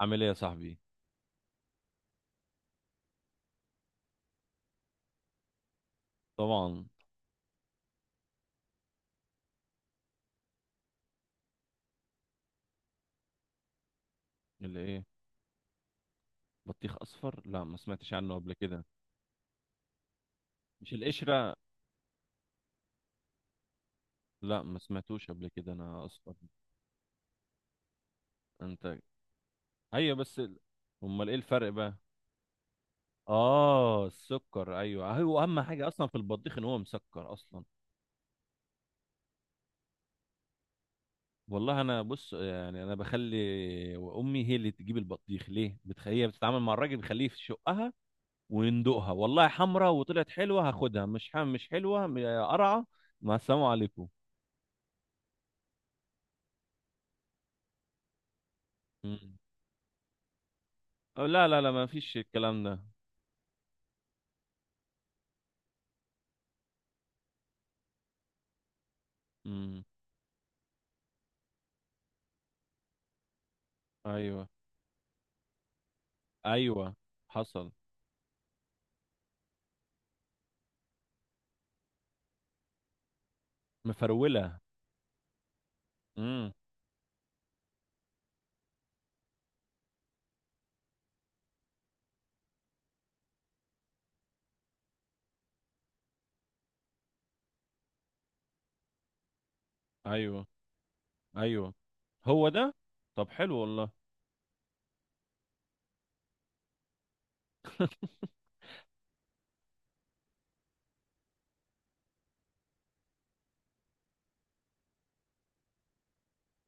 عامل ايه يا صاحبي؟ طبعا. اللي ايه؟ بطيخ اصفر، لا ما سمعتش عنه قبل كده. مش القشره. لا ما سمعتوش قبل كده انا، اصفر؟ انت. ايوه بس ال-، امال ايه الفرق بقى؟ اه السكر، ايوه، اهم حاجه اصلا في البطيخ ان هو مسكر اصلا. والله انا بص، يعني انا بخلي امي هي اللي تجيب البطيخ، ليه بتخ... هي بتتعامل مع الراجل بخليه في شقها وندوقها، والله حمرا وطلعت حلوه هاخدها، مش حم مش حلوه م- قرعه، مع السلامه عليكم. مم. أو لا لا لا، ما فيش الكلام ده. امم. ايوه ايوه حصل. مفرولة. امم. ايوه ايوه هو ده. طب حلو والله.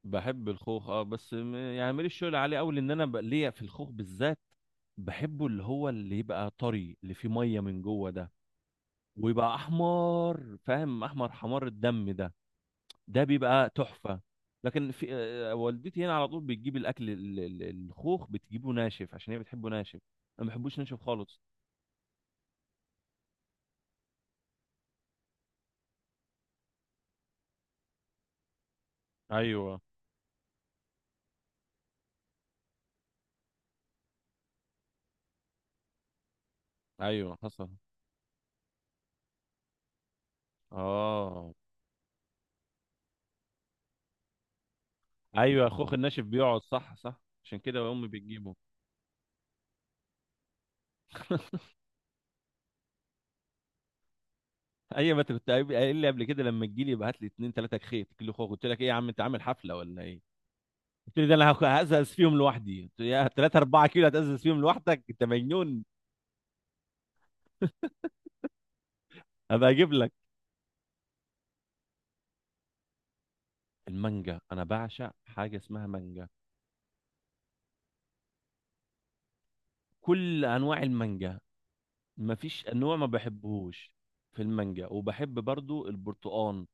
بحب الخوخ، اه بس م- يعني ماليش شغل عليه قوي، لان انا بقى ليا في الخوخ بالذات بحبه اللي هو اللي يبقى طري اللي فيه ميه من جوه ده، ويبقى احمر، فاهم؟ احمر حمار الدم ده. ده بيبقى تحفة. لكن في والدتي هنا على طول بتجيب الاكل ال- ال- الخوخ بتجيبه ناشف، عشان هي بتحبه ناشف. انا ما بحبوش ناشف خالص. ايوه ايوه حصل. اه، ايوه، اخوخ الناشف بيقعد، صح، عشان كده امي بتجيبه. اي ما أنت كنت قايل لي قبل كده، لما تجي لي ابعت لي اتنين تلاته خيط كيلو خوخ، قلت لك ايه يا عم؟ انت عامل حفله ولا ايه؟ قلت لي ده انا هاخ- هزقز فيهم لوحدي، قلت له يا تلاته اربعه كيلو هتزقز فيهم لوحدك، انت مجنون! ابقى اجيب لك. المانجا، انا بعشق حاجه اسمها مانجا. كل انواع المانجا، مفيش نوع ما بحبهوش في المانجا، وبحب برضو البرتقال.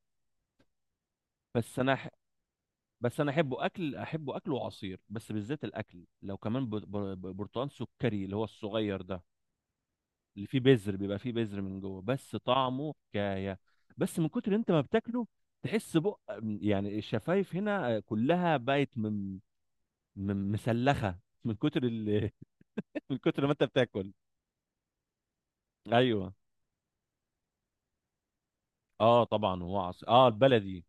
بس انا ح... بس انا احبه اكل، احبه اكل وعصير، بس بالذات الاكل لو كمان ب... ب... ب- برتقال سكري اللي هو الصغير ده، اللي فيه بذر، بيبقى فيه بذر من جوه، بس طعمه حكايه. بس من كتر انت ما بتاكله تحس بق، يعني الشفايف هنا كلها بقت من... من مسلخه، من كتر ال... من كتر ما انت بتاكل. ايوه. اه طبعا هو عصير، اه البلدي.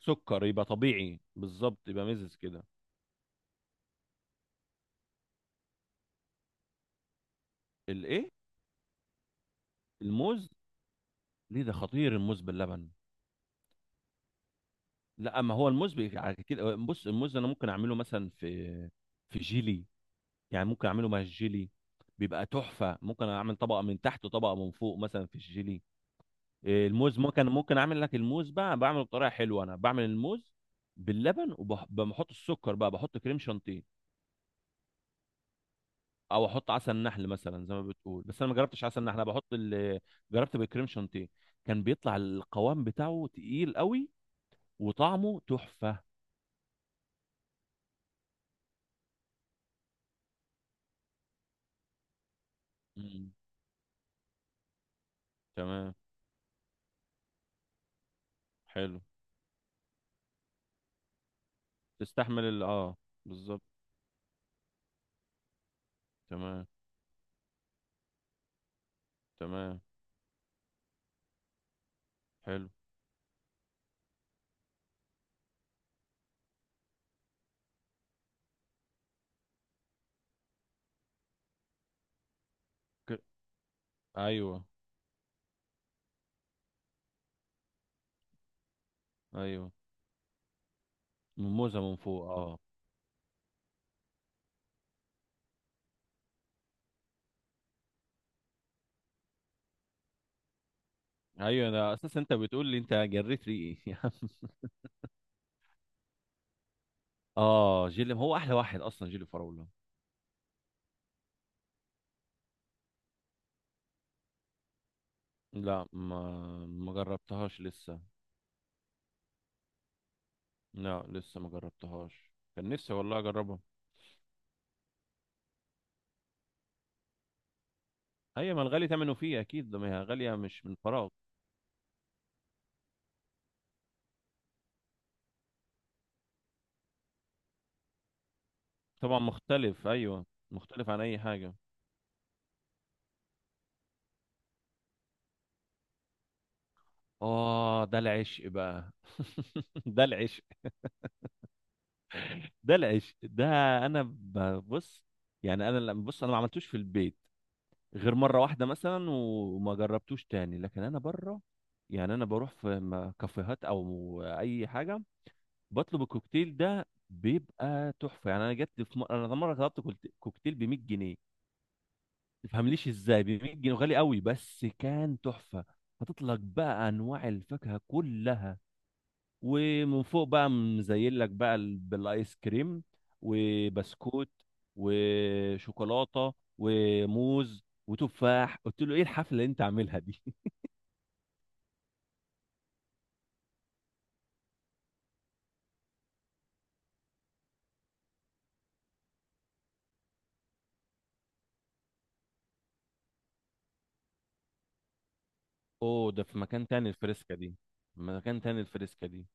سكر يبقى طبيعي بالظبط، يبقى مزز كده. الايه؟ الموز؟ ليه، ده خطير الموز باللبن؟ لا ما هو الموز بي- على كتير أوي. بص الموز انا ممكن اعمله مثلا في في جيلي، يعني ممكن اعمله مع الجيلي، بيبقى تحفه. ممكن اعمل طبقه من تحت وطبقه من فوق مثلا في الجيلي. الموز ممكن، ممكن اعمل لك الموز بقى، بعمله بطريقه حلوه، انا بعمل الموز باللبن وبحط السكر بقى، بحط كريم شانتيه. او احط عسل نحل مثلا زي ما بتقول، بس انا ما جربتش عسل نحل، انا بحط اللي جربت بالكريم شانتيه، كان بيطلع القوام بتاعه تقيل قوي، وطعمه تحفة. مم. تمام. حلو، تستحمل ال اه. بالظبط، تمام. تمام. حلو. ك... ايوه ايوه، موزة من فوق اه. ايوه انا اساسا انت بتقول لي انت جريت ريقي. يا عم، اه جيلي هو احلى واحد اصلا جيلي فراولة. لا ما ما جربتهاش لسه. لا لسه ما جربتهاش، كان نفسي والله اجربها. ايوه ما الغالي ثمنه فيه اكيد ده، ما هي غاليه مش من فراغ. طبعا مختلف، ايوه. مختلف عن اي حاجه. اه ده العشق بقى، ده العشق، ده العشق ده. انا ببص، يعني انا لما بص انا ما عملتوش في البيت غير مره واحده مثلا، وما جربتوش تاني، لكن انا بره يعني انا بروح في م- كافيهات او اي حاجه، بطلب الكوكتيل ده، بيبقى تحفه. يعني انا جت في م... انا مره طلبت كولت- كوكتيل ب 100 جنيه، تفهمليش ازاي ب 100 جنيه غالي قوي، بس كان تحفه. هتطلق بقى انواع الفاكهه كلها، ومن فوق بقى مزين لك بقى ال- بالايس كريم وبسكوت وشوكولاته وموز وتفاح، قلت له ايه الحفله اللي انت عاملها دي؟ اوه، ده في مكان تاني الفريسكا دي؟ مكان تاني الفريسكا دي.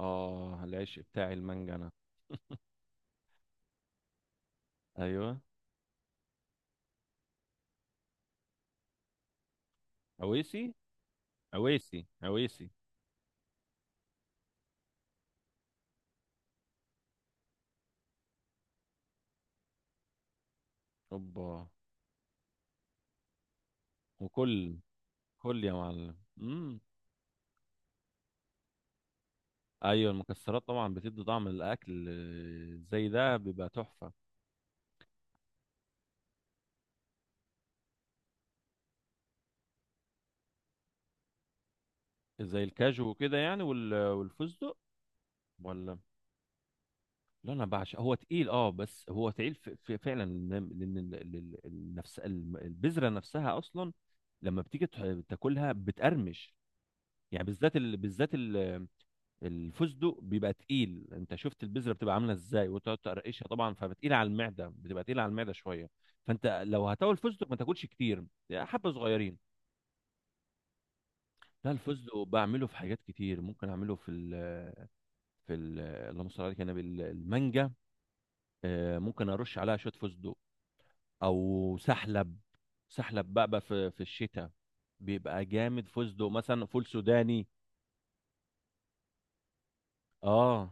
اه العشق بتاعي المانجا انا. ايوه، عويسي عويسي عويسي. اوبا. وكل، كل يا معلم. ايوه المكسرات طبعا بتدي طعم الاكل، زي ده بيبقى تحفه. زي الكاجو وكده يعني، وال- والفستق. ولا، لا انا بعشق، هو تقيل اه بس هو تقيل ف- ف- فعلا، لان لأن ال- ال- ال- النفس الم- البذره نفسها اصلا لما بتيجي تح- تاكلها بتقرمش. يعني بالذات ال... بالذات ال... الفستق بيبقى تقيل، انت شفت البذره بتبقى عامله ازاي، وتقعد تقرقشها طبعا، فبتقيله على المعده، بتبقى تقيله على المعده شويه. فانت لو هتاكل فستق ما تاكلش كتير، يعني حبه صغيرين. لا الفستق بعمله في حاجات كتير، ممكن اعمله في ال في ال اللهم صل على النبي، انا بالمانجا ممكن ارش عليها شويه فستق، او سحلب. سحلب بقى، بقى في في الشتاء بيبقى جامد. فستق مثلا، فول سوداني. اه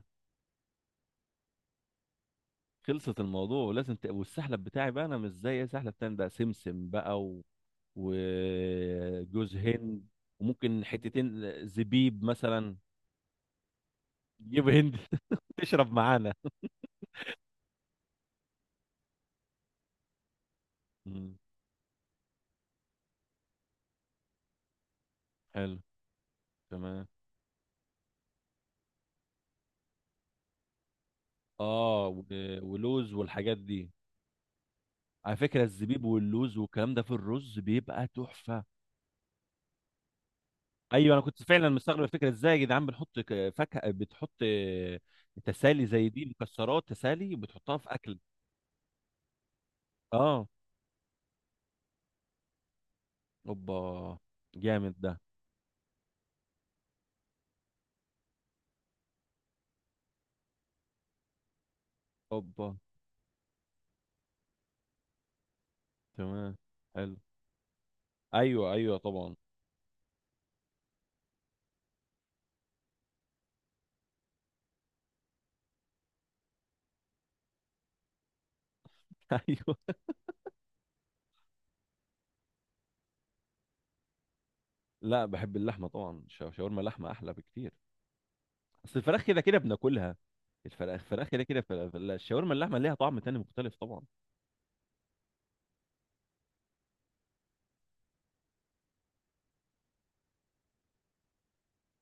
خلصت. الموضوع لازم ت... والسحلب بتاعي بقى انا مش زي سحلب تاني، ده سمسم بقى و... وجوز هند. وممكن حتتين زبيب مثلا. جيب هند، تشرب معانا. مم، حلو، تمام. اه و- ولوز والحاجات دي. على فكره الزبيب واللوز والكلام ده في الرز بيبقى تحفه. ايوه انا كنت فعلا مستغرب الفكره، ازاي يا جدعان بنحط ك- فاكهه بتحط تسالي زي دي مكسرات تسالي وبتحطها في اكل؟ اه، اوبا. جامد ده. اوبا. تمام، حلو. ايوه طبعا. ايوه. لا بحب اللحمه طبعا، شا- شاورما اللحمه احلى بكتير. اصل الفراخ كده كده بناكلها، الفراخ الفراخ كده كده فلا- فلا- الشاورما اللحمه ليها طعم تاني مختلف طبعا.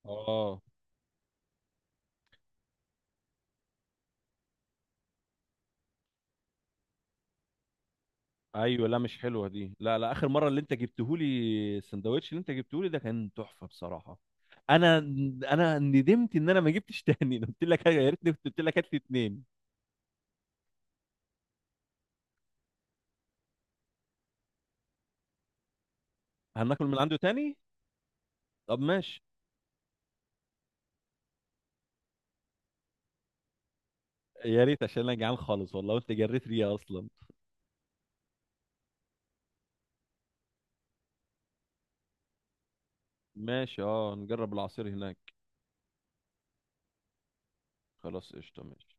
اه ايوه، لا مش حلوه دي لا لا. اخر مره اللي انت جبتهولي، السندوتش اللي انت جبتهولي ده كان تحفه بصراحه. انا انا ندمت ان انا ما جبتش تاني، أنا قلت لك يا ريتني كنت قلت لك هات لي اتنين. هناكل من عنده تاني؟ طب ماشي. يا ريت، عشان انا جعان خالص والله، وانت جريت ريا اصلا. ماشي، اه نجرب العصير هناك. خلاص قشطه، ماشي.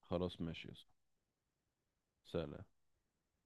خلاص ماشي يا صاحبي. سلام.